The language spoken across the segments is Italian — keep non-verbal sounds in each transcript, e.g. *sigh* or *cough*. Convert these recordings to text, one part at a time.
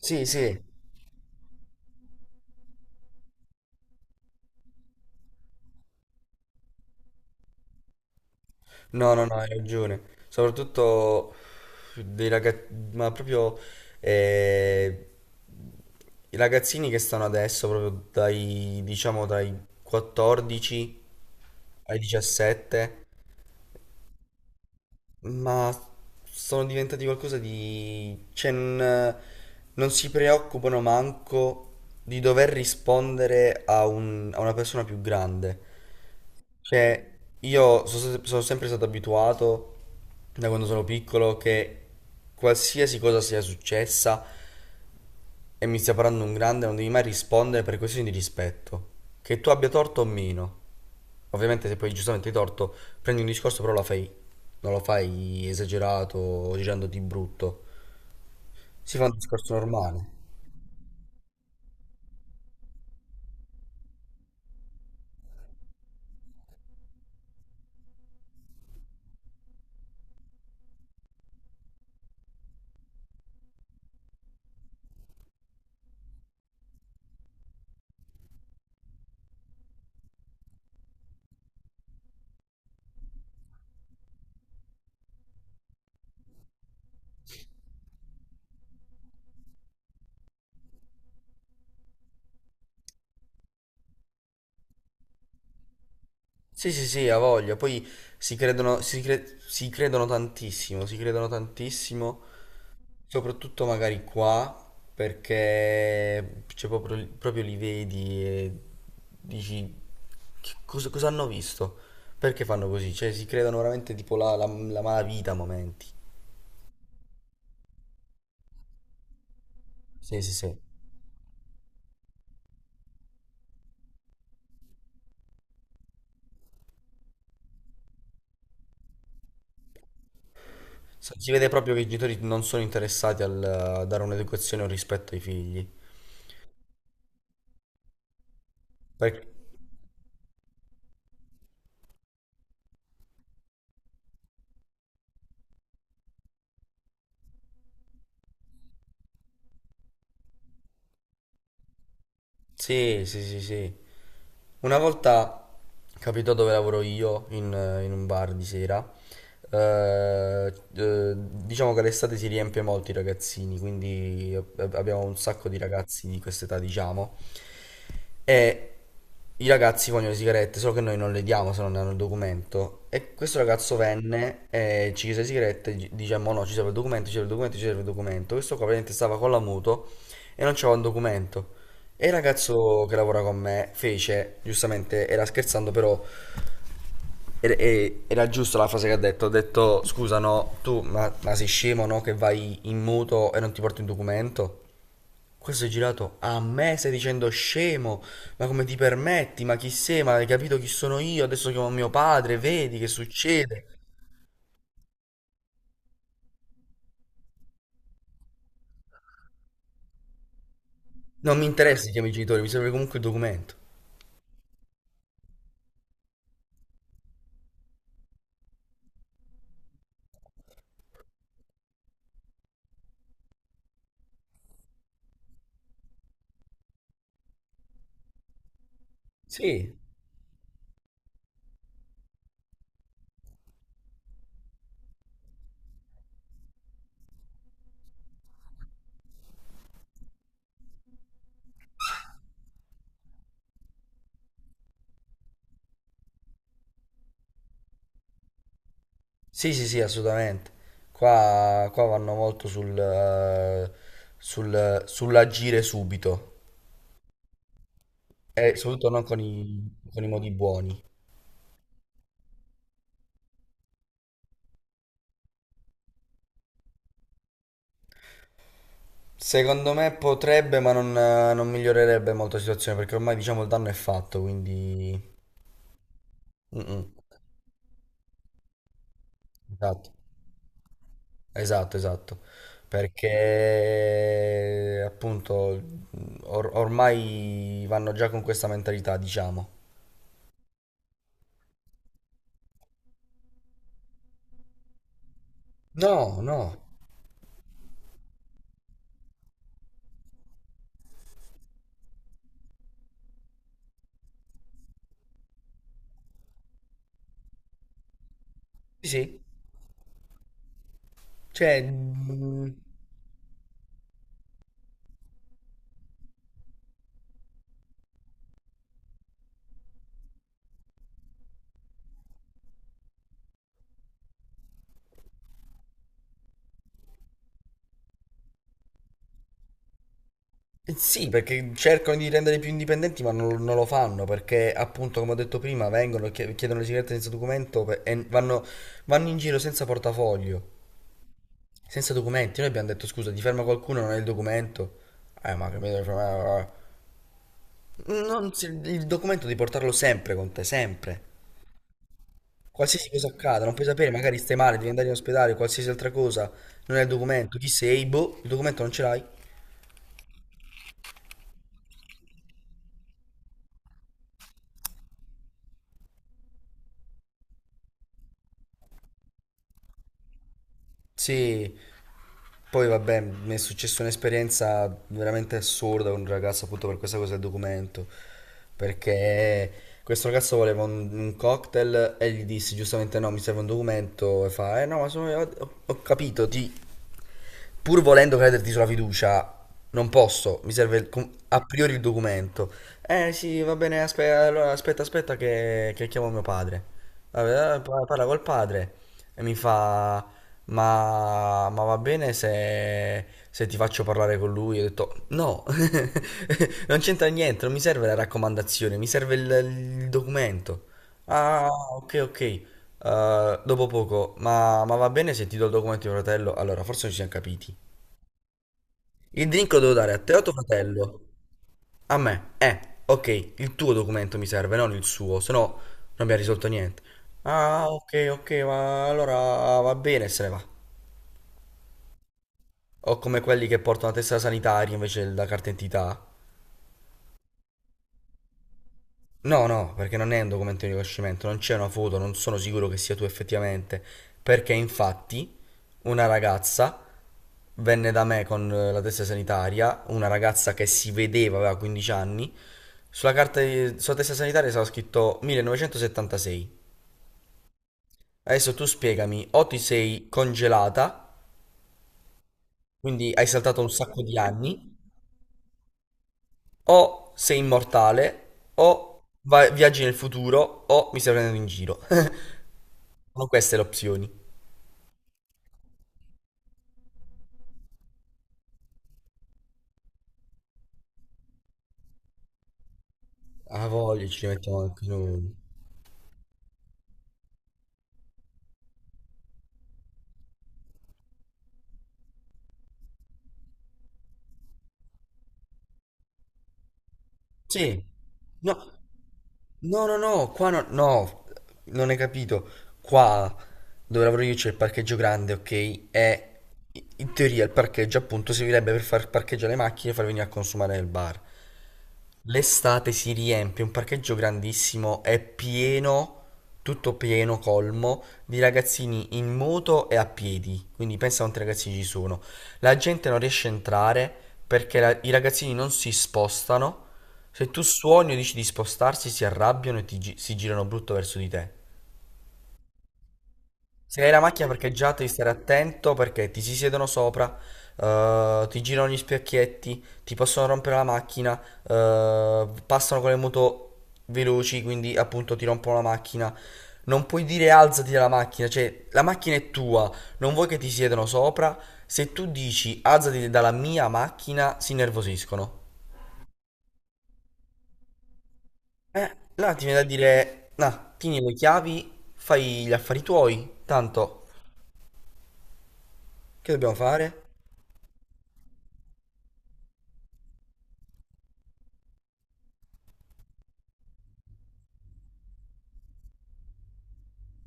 Sì, sì, no, no, no, hai ragione. Soprattutto dei ragazzi, ma proprio eh, i ragazzini che stanno adesso, proprio dai, diciamo, dai 14 ai 17, ma sono diventati qualcosa di, cioè, non si preoccupano manco di dover rispondere a una persona più grande. Cioè, io sono sempre stato abituato da quando sono piccolo che qualsiasi cosa sia successa e mi stia parlando un grande, non devi mai rispondere per questioni di rispetto. Che tu abbia torto o meno. Ovviamente se poi giustamente hai torto, prendi un discorso, però lo fai, non lo fai esagerato o girando di brutto. Si fa un discorso normale. Sì, sì, sì, ha voglia. Poi si credono tantissimo, si credono tantissimo. Soprattutto magari qua, perché, cioè, proprio li vedi e dici "Che cosa hanno visto? Perché fanno così?" Cioè si creano veramente tipo la malavita a momenti. Sì, sì, sì. Si vede proprio che i genitori non sono interessati a dare un'educazione o rispetto ai figli. Perché. Sì, sì, sì, sì. Una volta capitò dove lavoro io, in un bar di sera. Diciamo che l'estate si riempie molto i ragazzini, quindi abbiamo un sacco di ragazzi di quest'età, diciamo. E i ragazzi vogliono le sigarette, solo che noi non le diamo se non hanno il documento. E questo ragazzo venne e ci chiese le sigarette, diciamo no, ci serve il documento, ci serve il documento, ci serve il documento. Questo qua praticamente stava con la moto e non c'aveva un documento. E il ragazzo che lavora con me fece, giustamente, era scherzando, però era, era giusta la frase che ha detto. Ha detto, scusa, no, tu, ma sei scemo, no, che vai in muto e non ti porti un documento? Questo è girato a me, stai dicendo scemo, ma come ti permetti, ma chi sei, ma hai capito chi sono io, adesso chiamo mio padre, vedi che succede. Non mi interessa chi chiami i genitori, mi serve comunque il documento. Sì, sì, sì, sì, assolutamente. Qua vanno molto sull'agire subito e soprattutto non con i modi buoni. Secondo me potrebbe, ma non migliorerebbe molto la situazione perché ormai diciamo il danno è fatto, quindi. Mm, mm. Esatto, esatto, esatto. Perché appunto ormai vanno già con questa mentalità, diciamo. No, no, sì, sì. Cioè, sì, perché cercano di rendere più indipendenti, ma non lo fanno perché, appunto, come ho detto prima, vengono, chiedono le sigarette senza documento, e vanno in giro senza portafoglio, senza documenti. Noi abbiamo detto: scusa, ti ferma qualcuno, non hai il documento. Ma capito? Cioè, eh, Non si- il documento devi portarlo sempre con te, sempre. Qualsiasi cosa accada, non puoi sapere, magari stai male, devi andare in ospedale, qualsiasi altra cosa, non hai il documento, chi sei, boh, il documento non ce l'hai. Sì. Poi vabbè, mi è successa un'esperienza veramente assurda con un ragazzo appunto per questa cosa del documento, perché questo ragazzo voleva un cocktail e gli dissi giustamente no, mi serve un documento, e fa, eh no, ma sono io, ho capito, pur volendo crederti sulla fiducia, non posso, mi serve a priori il documento. Eh sì, va bene, allora aspetta, aspetta che chiamo mio padre. Vabbè, parla col padre e mi fa, ma va bene se ti faccio parlare con lui? Io ho detto, no, *laughs* non c'entra niente, non mi serve la raccomandazione, mi serve il documento. Ah, ok, ok. Dopo poco, ma va bene se ti do il documento di mio fratello? Allora, forse non ci siamo capiti. Il drink lo devo dare a te o a tuo fratello? A me. Ok, il tuo documento mi serve, non il suo, se no non abbiamo risolto niente. Ah, ok, ok, ma allora va bene, se ne va. O come quelli che portano la tessera sanitaria invece della carta d'identità. No, no, perché non è un documento di riconoscimento, non c'è una foto, non sono sicuro che sia tu effettivamente, perché infatti una ragazza venne da me con la testa sanitaria, una ragazza che si vedeva, aveva 15 anni, sulla testa sanitaria stava scritto 1976. Adesso tu spiegami, o ti sei congelata, quindi hai saltato un sacco di anni, o sei immortale, o viaggi nel futuro, o mi stai prendendo in giro. *laughs* Sono queste le opzioni. A voglia, ci mettiamo anche noi. Sì, no, no, no, no, qua no, no, non hai capito. Qua dove lavoro io c'è il parcheggio grande, ok? E in teoria il parcheggio appunto servirebbe per far parcheggiare le macchine e far venire a consumare nel bar. L'estate si riempie, un parcheggio grandissimo, è pieno, tutto pieno, colmo, di ragazzini in moto e a piedi. Quindi pensa quanti ragazzini ci sono. La gente non riesce a entrare perché i ragazzini non si spostano, se tu suoni o dici di spostarsi, si arrabbiano e si girano brutto verso di te. Se hai la macchina parcheggiata, devi stare attento perché ti si siedono sopra, ti girano gli specchietti, ti possono rompere la macchina, passano con le moto veloci, quindi appunto ti rompono la macchina. Non puoi dire alzati dalla macchina, cioè la macchina è tua, non vuoi che ti siedano sopra. Se tu dici alzati dalla mia macchina, si innervosiscono. Là ti viene da dire, no, tieni le chiavi, fai gli affari tuoi, tanto, che dobbiamo fare?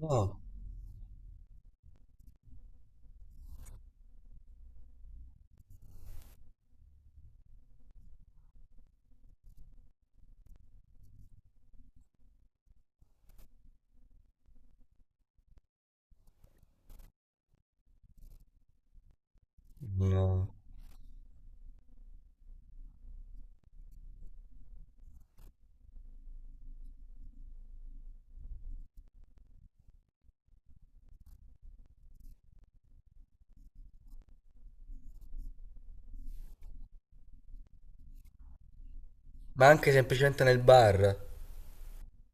No, no. Ma anche semplicemente nel bar,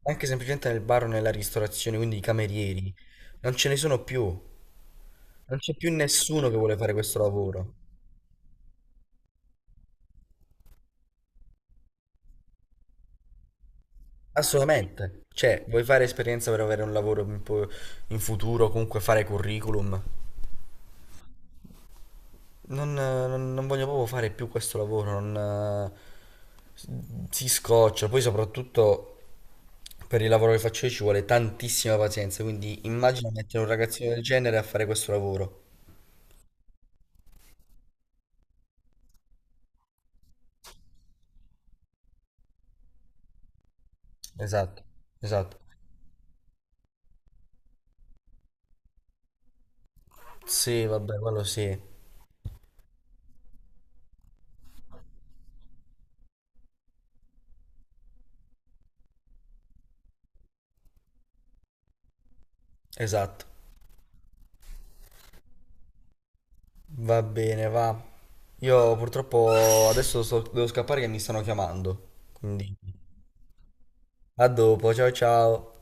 anche semplicemente nel bar o nella ristorazione, quindi i camerieri, non ce ne sono più, non c'è più nessuno che vuole fare questo lavoro, assolutamente. Cioè, vuoi fare esperienza per avere un lavoro in futuro, comunque fare curriculum? Non voglio proprio fare più questo lavoro, non, s- si scoccia. Poi soprattutto per il lavoro che faccio io ci vuole tantissima pazienza, quindi immagina mettere un ragazzino del genere a fare questo lavoro. Esatto, esatto. Sì, vabbè, quello sì, esatto. Va bene, va. Io purtroppo adesso devo scappare che mi stanno chiamando, quindi a dopo, ciao ciao.